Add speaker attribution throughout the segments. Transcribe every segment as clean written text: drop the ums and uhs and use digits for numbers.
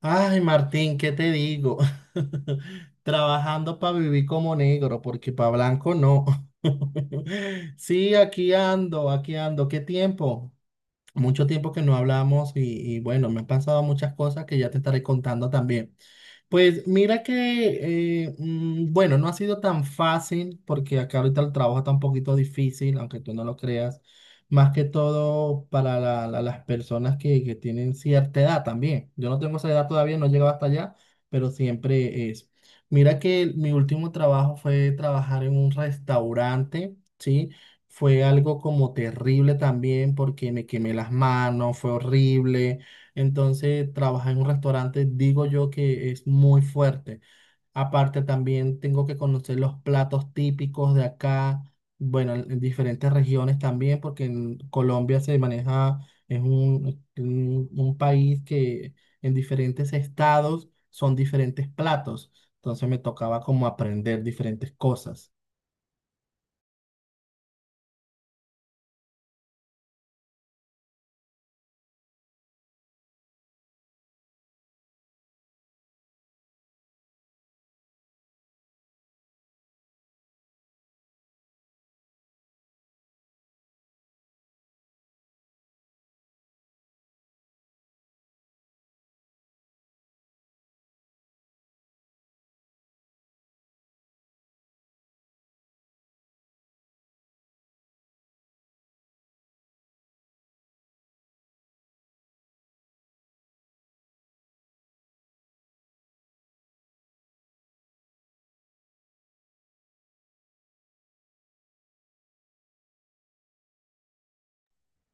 Speaker 1: Ay, Martín, ¿qué te digo? Trabajando para vivir como negro, porque para blanco no. Sí, aquí ando, aquí ando. ¿Qué tiempo? Mucho tiempo que no hablamos y bueno, me han pasado muchas cosas que ya te estaré contando también. Pues mira que, bueno, no ha sido tan fácil porque acá ahorita el trabajo está un poquito difícil, aunque tú no lo creas, más que todo para las personas que tienen cierta edad también. Yo no tengo esa edad todavía, no he llegado hasta allá, pero siempre es. Mira que mi último trabajo fue trabajar en un restaurante, ¿sí? Fue algo como terrible también porque me quemé las manos, fue horrible. Entonces, trabajar en un restaurante, digo yo que es muy fuerte. Aparte, también tengo que conocer los platos típicos de acá, bueno, en diferentes regiones también, porque en Colombia se maneja, es un país que en diferentes estados son diferentes platos. Entonces, me tocaba como aprender diferentes cosas.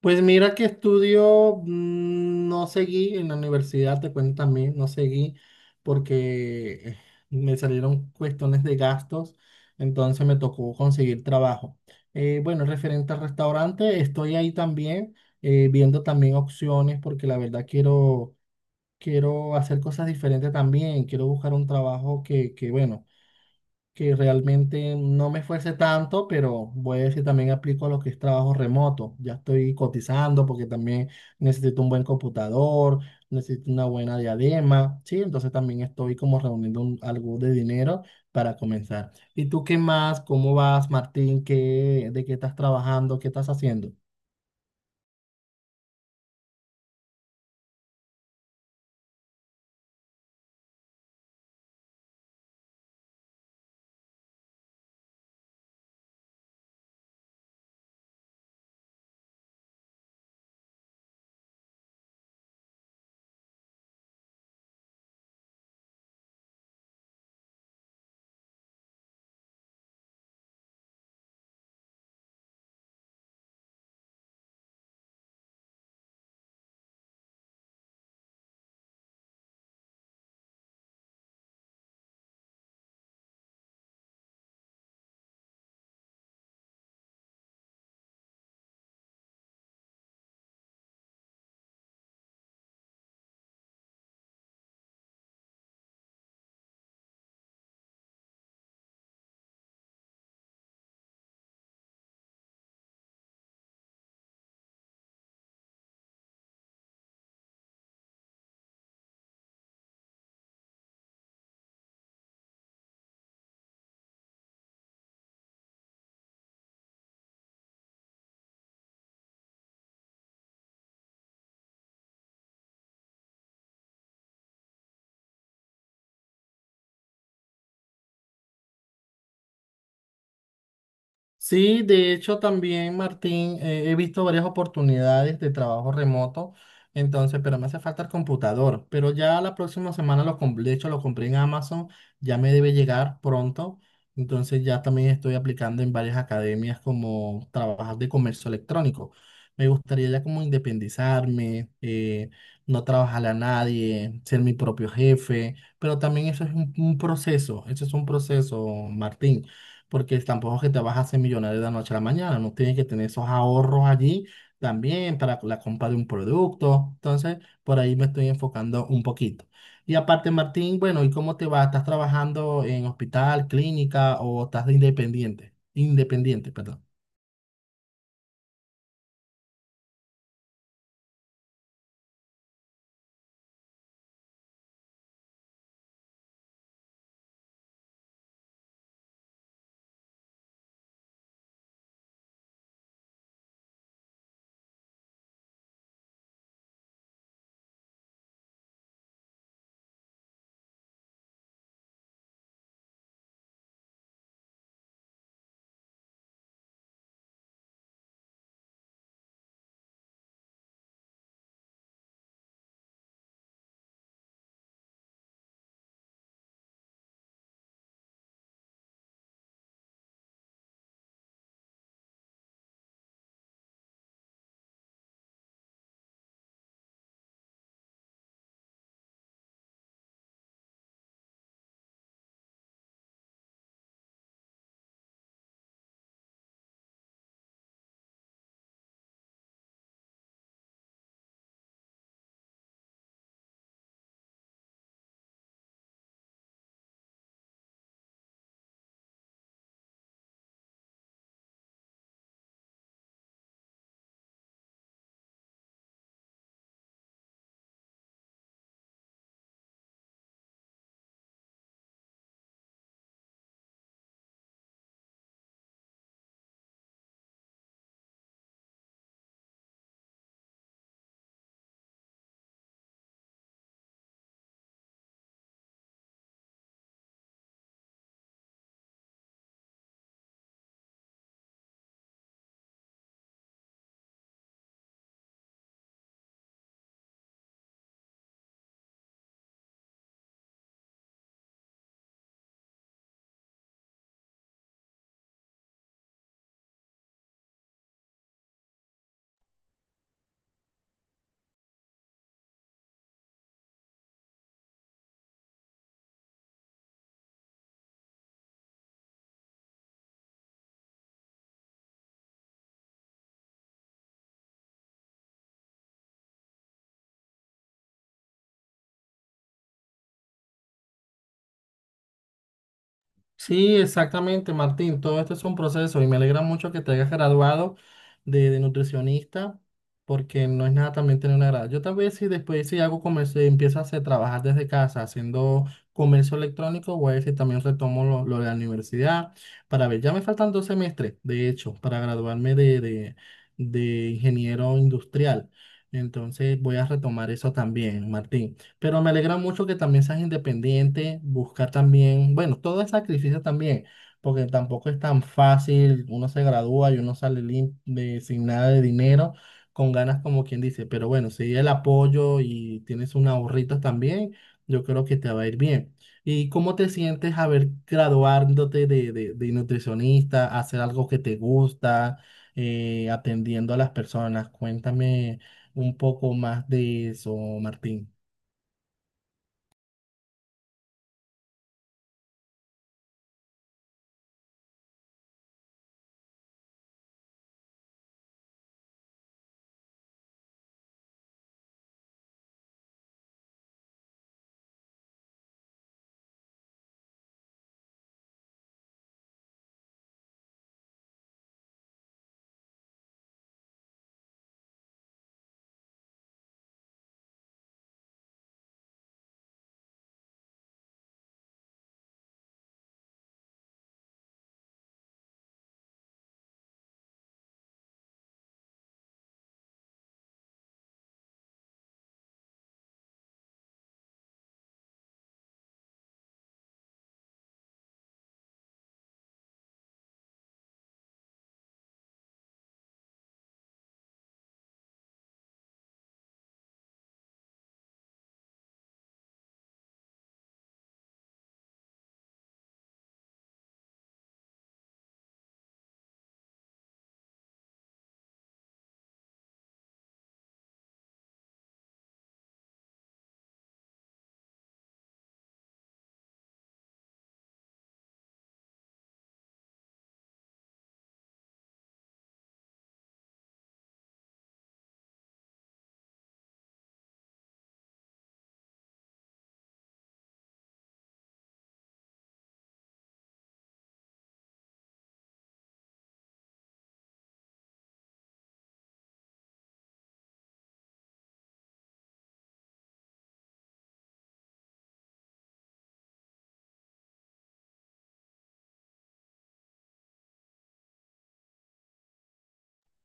Speaker 1: Pues mira que estudio, mm, no seguí en la universidad, te cuento también, no seguí porque me salieron cuestiones de gastos, entonces me tocó conseguir trabajo. Bueno, referente al restaurante, estoy ahí también viendo también opciones porque la verdad quiero, quiero hacer cosas diferentes también, quiero buscar un trabajo que bueno que realmente no me esfuerce tanto, pero voy a decir también aplico lo que es trabajo remoto. Ya estoy cotizando porque también necesito un buen computador, necesito una buena diadema, ¿sí? Entonces también estoy como reuniendo algo de dinero para comenzar. ¿Y tú qué más? ¿Cómo vas, Martín? ¿Qué, de qué estás trabajando? ¿Qué estás haciendo? Sí, de hecho también, Martín, he visto varias oportunidades de trabajo remoto, entonces, pero me hace falta el computador. Pero ya la próxima semana lo compré, de hecho lo compré en Amazon, ya me debe llegar pronto. Entonces ya también estoy aplicando en varias academias como trabajar de comercio electrónico. Me gustaría ya como independizarme, no trabajarle a nadie, ser mi propio jefe, pero también eso es un proceso, eso es un proceso, Martín, porque tampoco es que te vas a hacer millonario de la noche a la mañana, no tienes que tener esos ahorros allí también para la compra de un producto. Entonces, por ahí me estoy enfocando un poquito. Y aparte, Martín, bueno, ¿y cómo te va? ¿Estás trabajando en hospital, clínica o estás de independiente? Independiente, perdón. Sí, exactamente, Martín. Todo esto es un proceso y me alegra mucho que te hayas graduado de nutricionista porque no es nada también tener una grada. Yo también si después si hago comercio, empiezo a hacer, trabajar desde casa haciendo comercio electrónico, voy a ver si también retomo lo de la universidad para ver. Ya me faltan dos semestres, de hecho, para graduarme de ingeniero industrial. Entonces voy a retomar eso también, Martín. Pero me alegra mucho que también seas independiente, buscar también, bueno, todo es sacrificio también, porque tampoco es tan fácil, uno se gradúa y uno sale sin nada de dinero, con ganas como quien dice, pero bueno, si el apoyo y tienes un ahorrito también, yo creo que te va a ir bien. ¿Y cómo te sientes haber graduándote de nutricionista, hacer algo que te gusta, atendiendo a las personas? Cuéntame un poco más de eso, Martín.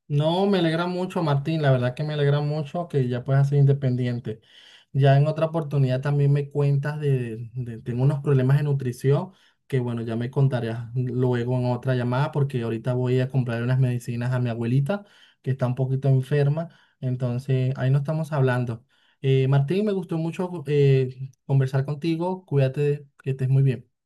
Speaker 1: No, me alegra mucho, Martín. La verdad que me alegra mucho que ya puedas ser independiente. Ya en otra oportunidad también me cuentas tengo unos problemas de nutrición que bueno, ya me contarás luego en otra llamada porque ahorita voy a comprar unas medicinas a mi abuelita que está un poquito enferma. Entonces, ahí no estamos hablando. Martín, me gustó mucho conversar contigo. Cuídate, que estés muy bien.